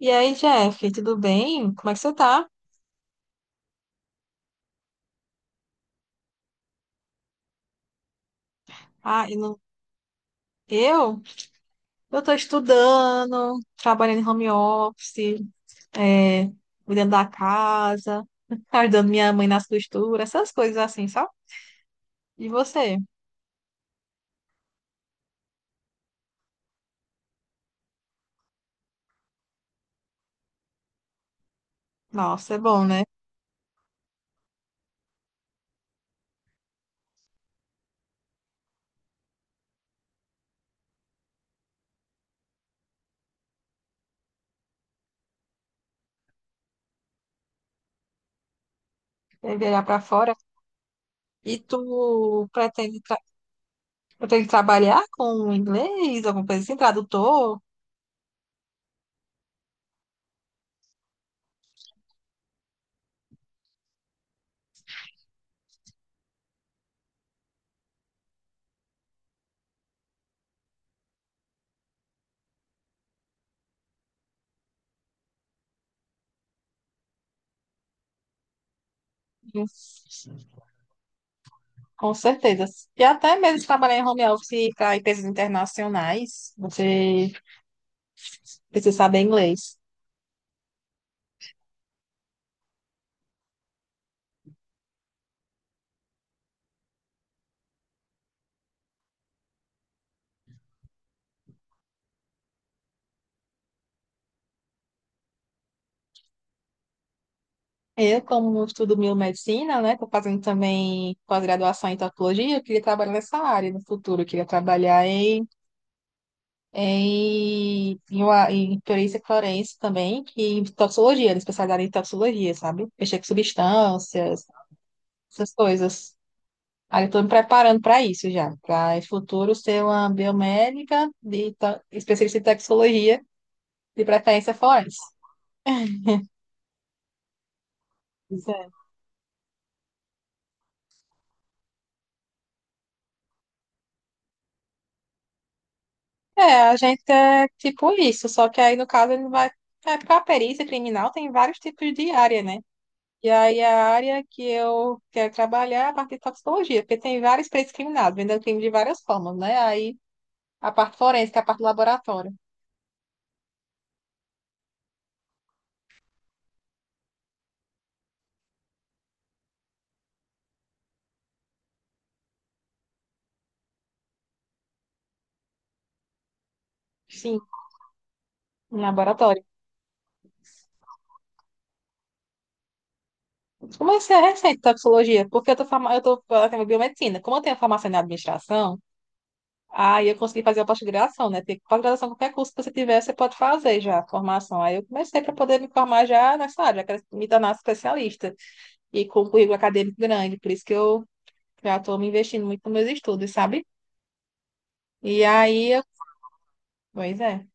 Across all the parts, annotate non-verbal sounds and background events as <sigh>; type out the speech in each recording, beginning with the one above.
E aí, Jeff, tudo bem? Como é que você tá? Ah, eu, não- eu eu tô estudando, trabalhando em home office, é, cuidando da casa, <laughs> ajudando minha mãe nas costuras, essas coisas assim, sabe? E você? Nossa, é bom, né? É viajar pra fora. E tu pretende, pretende trabalhar com inglês, alguma coisa assim, tradutor? Com certeza. E até mesmo trabalhar em home office para empresas internacionais, você precisa saber inglês. Eu, como estudo biomedicina, né, estou fazendo também pós-graduação em tatuologia, eu queria trabalhar nessa área no futuro, eu queria trabalhar em perícia forense também, que em toxicologia, era especializada em toxicologia, sabe? Mexer com substâncias, essas coisas. Aí eu estou me preparando para isso já, para em futuro ser uma biomédica especialista em toxicologia, de preferência forense. Pois é. É, a gente é tipo isso, só que aí no caso ele vai. É, porque a perícia criminal tem vários tipos de área, né? E aí a área que eu quero trabalhar é a parte de toxicologia, porque tem vários peritos criminais, vendendo crime de várias formas, né? Aí a parte forense, que é a parte do laboratório. Sim, um laboratório. Como é que é recente toxicologia? Porque eu tô eu tenho biomedicina. Como eu tenho formação em administração, aí eu consegui fazer a pós-graduação, né? Porque pós-graduação, qualquer curso que você tiver, você pode fazer já a formação. Aí eu comecei para poder me formar já nessa área, quero me tornar especialista e com um currículo acadêmico grande. Por isso que eu já estou me investindo muito nos meus estudos, sabe? E aí, eu... Pois é.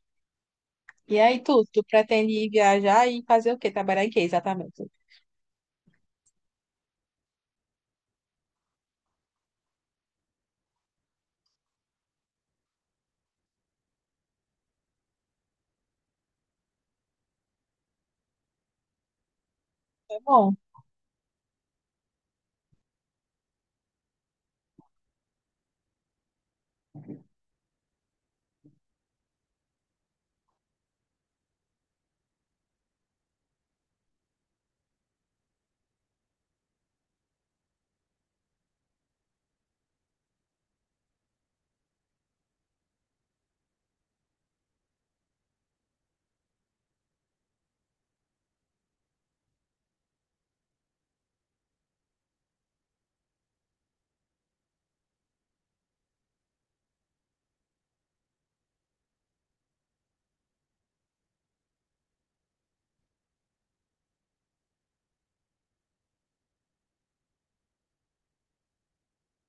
E aí, tu pretende ir viajar e fazer o quê? Trabalhar em quê, exatamente? É bom.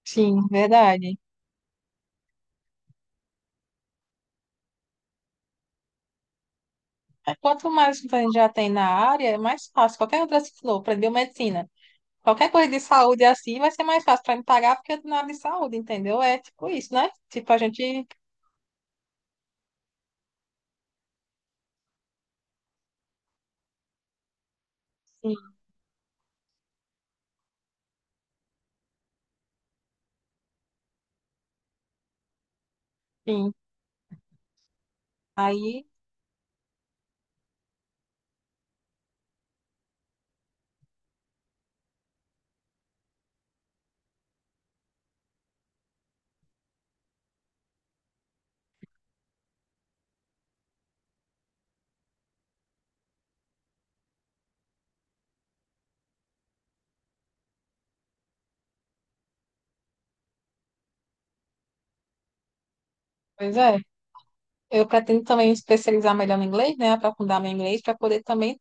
Sim, verdade. Quanto mais a gente já tem na área, é mais fácil. Qualquer outra, se for, para biomedicina, qualquer coisa de saúde assim, vai ser mais fácil para me pagar porque eu tô na área de saúde, entendeu? É tipo isso, né? Tipo, a gente. Sim, sim. Aí, pois é. Eu pretendo também especializar melhor no inglês, né? Aprofundar meu inglês para poder também,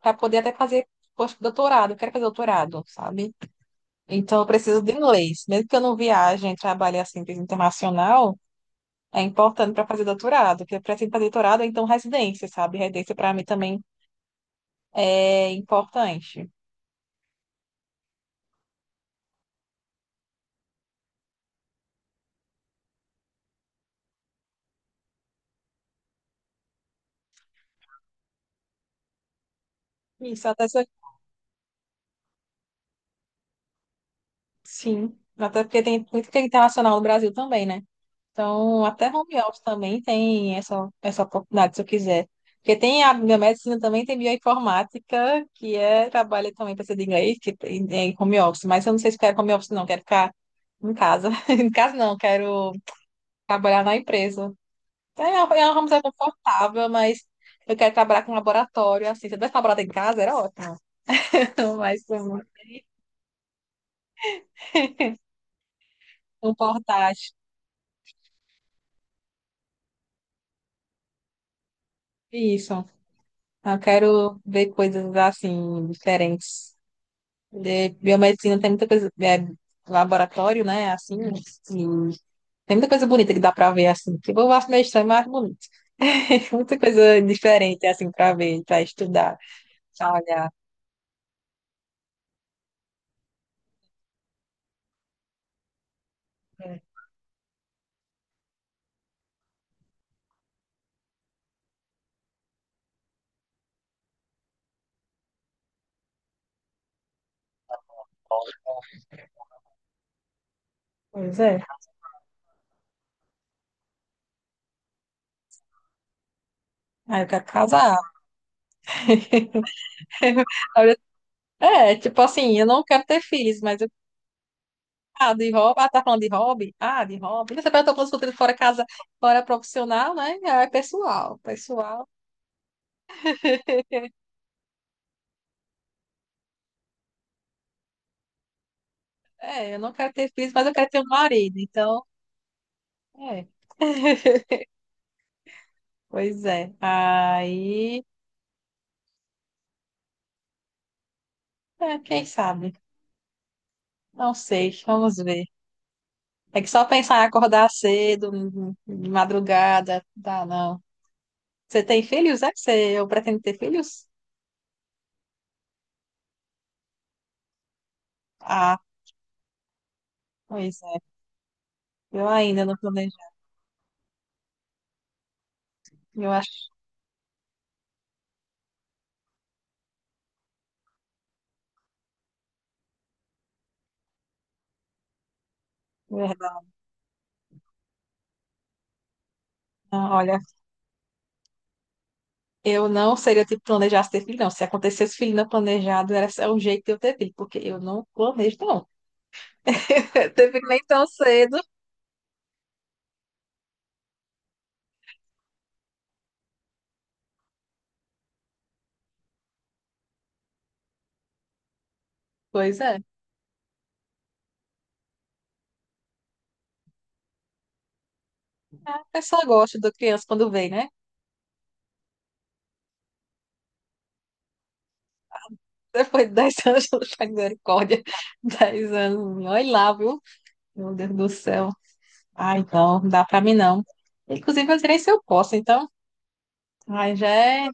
para poder até fazer pós-doutorado. Eu quero fazer doutorado, sabe? Então, eu preciso de inglês. Mesmo que eu não viaje, trabalhe assim, internacional. É importante para fazer doutorado, porque para fazer doutorado, é, então residência, sabe? Residência para mim também é importante. Isso, até se- sim, até porque tem muito que é internacional no Brasil também, né? Então, até home office também tem essa oportunidade, se eu quiser. Porque tem a biomedicina também, tem bioinformática, que é, trabalha também para ser de inglês, é em home office. Mas eu não sei se quero home office, não, quero ficar em casa. <laughs> Em casa não, quero trabalhar na empresa. É É uma coisa confortável, mas eu quero trabalhar com laboratório, assim. Se eu tivesse laboratório em casa, era ótimo. <laughs> Mas com um portátil. Isso. Eu quero ver coisas, assim, diferentes. De biomedicina tem muita coisa... é, laboratório, né? Assim, e tem muita coisa bonita que dá pra ver, assim. Tipo, eu acho meio estranho, mas acho bonito. <laughs> Muita coisa diferente, assim, pra ver, pra estudar, pra olhar. É, pois é. Aí eu quero casar. <laughs> É, tipo assim, eu não quero ter filhos, mas eu. Ah, de hobby. Ah, tá falando de hobby? Ah, de hobby. Você perguntou pelos conteúdos fora casa, fora profissional, né? Ah, é pessoal, pessoal. <laughs> É, eu não quero ter filhos, mas eu quero ter um marido, então. É. <laughs> Pois é. Aí. É, quem sabe? Não sei, vamos ver. É que só pensar em acordar cedo, de madrugada, dá não. Você tem filhos, é? Você, eu pretendo ter filhos? Ah, pois é. Eu ainda não planejo. Eu acho. Verdade. Não, olha, eu não seria tipo planejasse ter filho, não. Se acontecesse filho não planejado, era só um jeito de eu ter filho, porque eu não planejo, não. <laughs> Ter filho nem tão cedo. Pois é. A pessoa gosta da criança quando vem, né? Depois de 10 anos, <laughs> de misericórdia. 10 anos, olha lá, viu? Meu Deus do céu. Ai, não, não dá pra mim, não. Inclusive, eu direi se eu posso, então. Ai, já é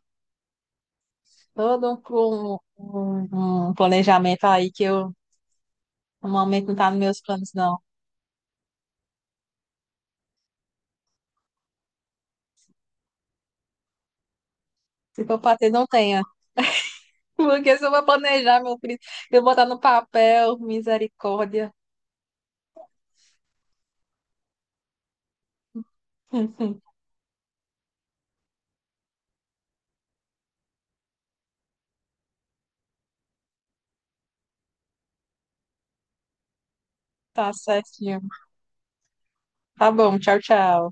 todo um planejamento aí que eu, no momento, não tá nos meus planos, não. Se for pra ter, não tenho. Porque se eu vou planejar, meu filho, eu vou botar no papel, misericórdia. <laughs> Tá certinho. Tá bom, tchau, tchau.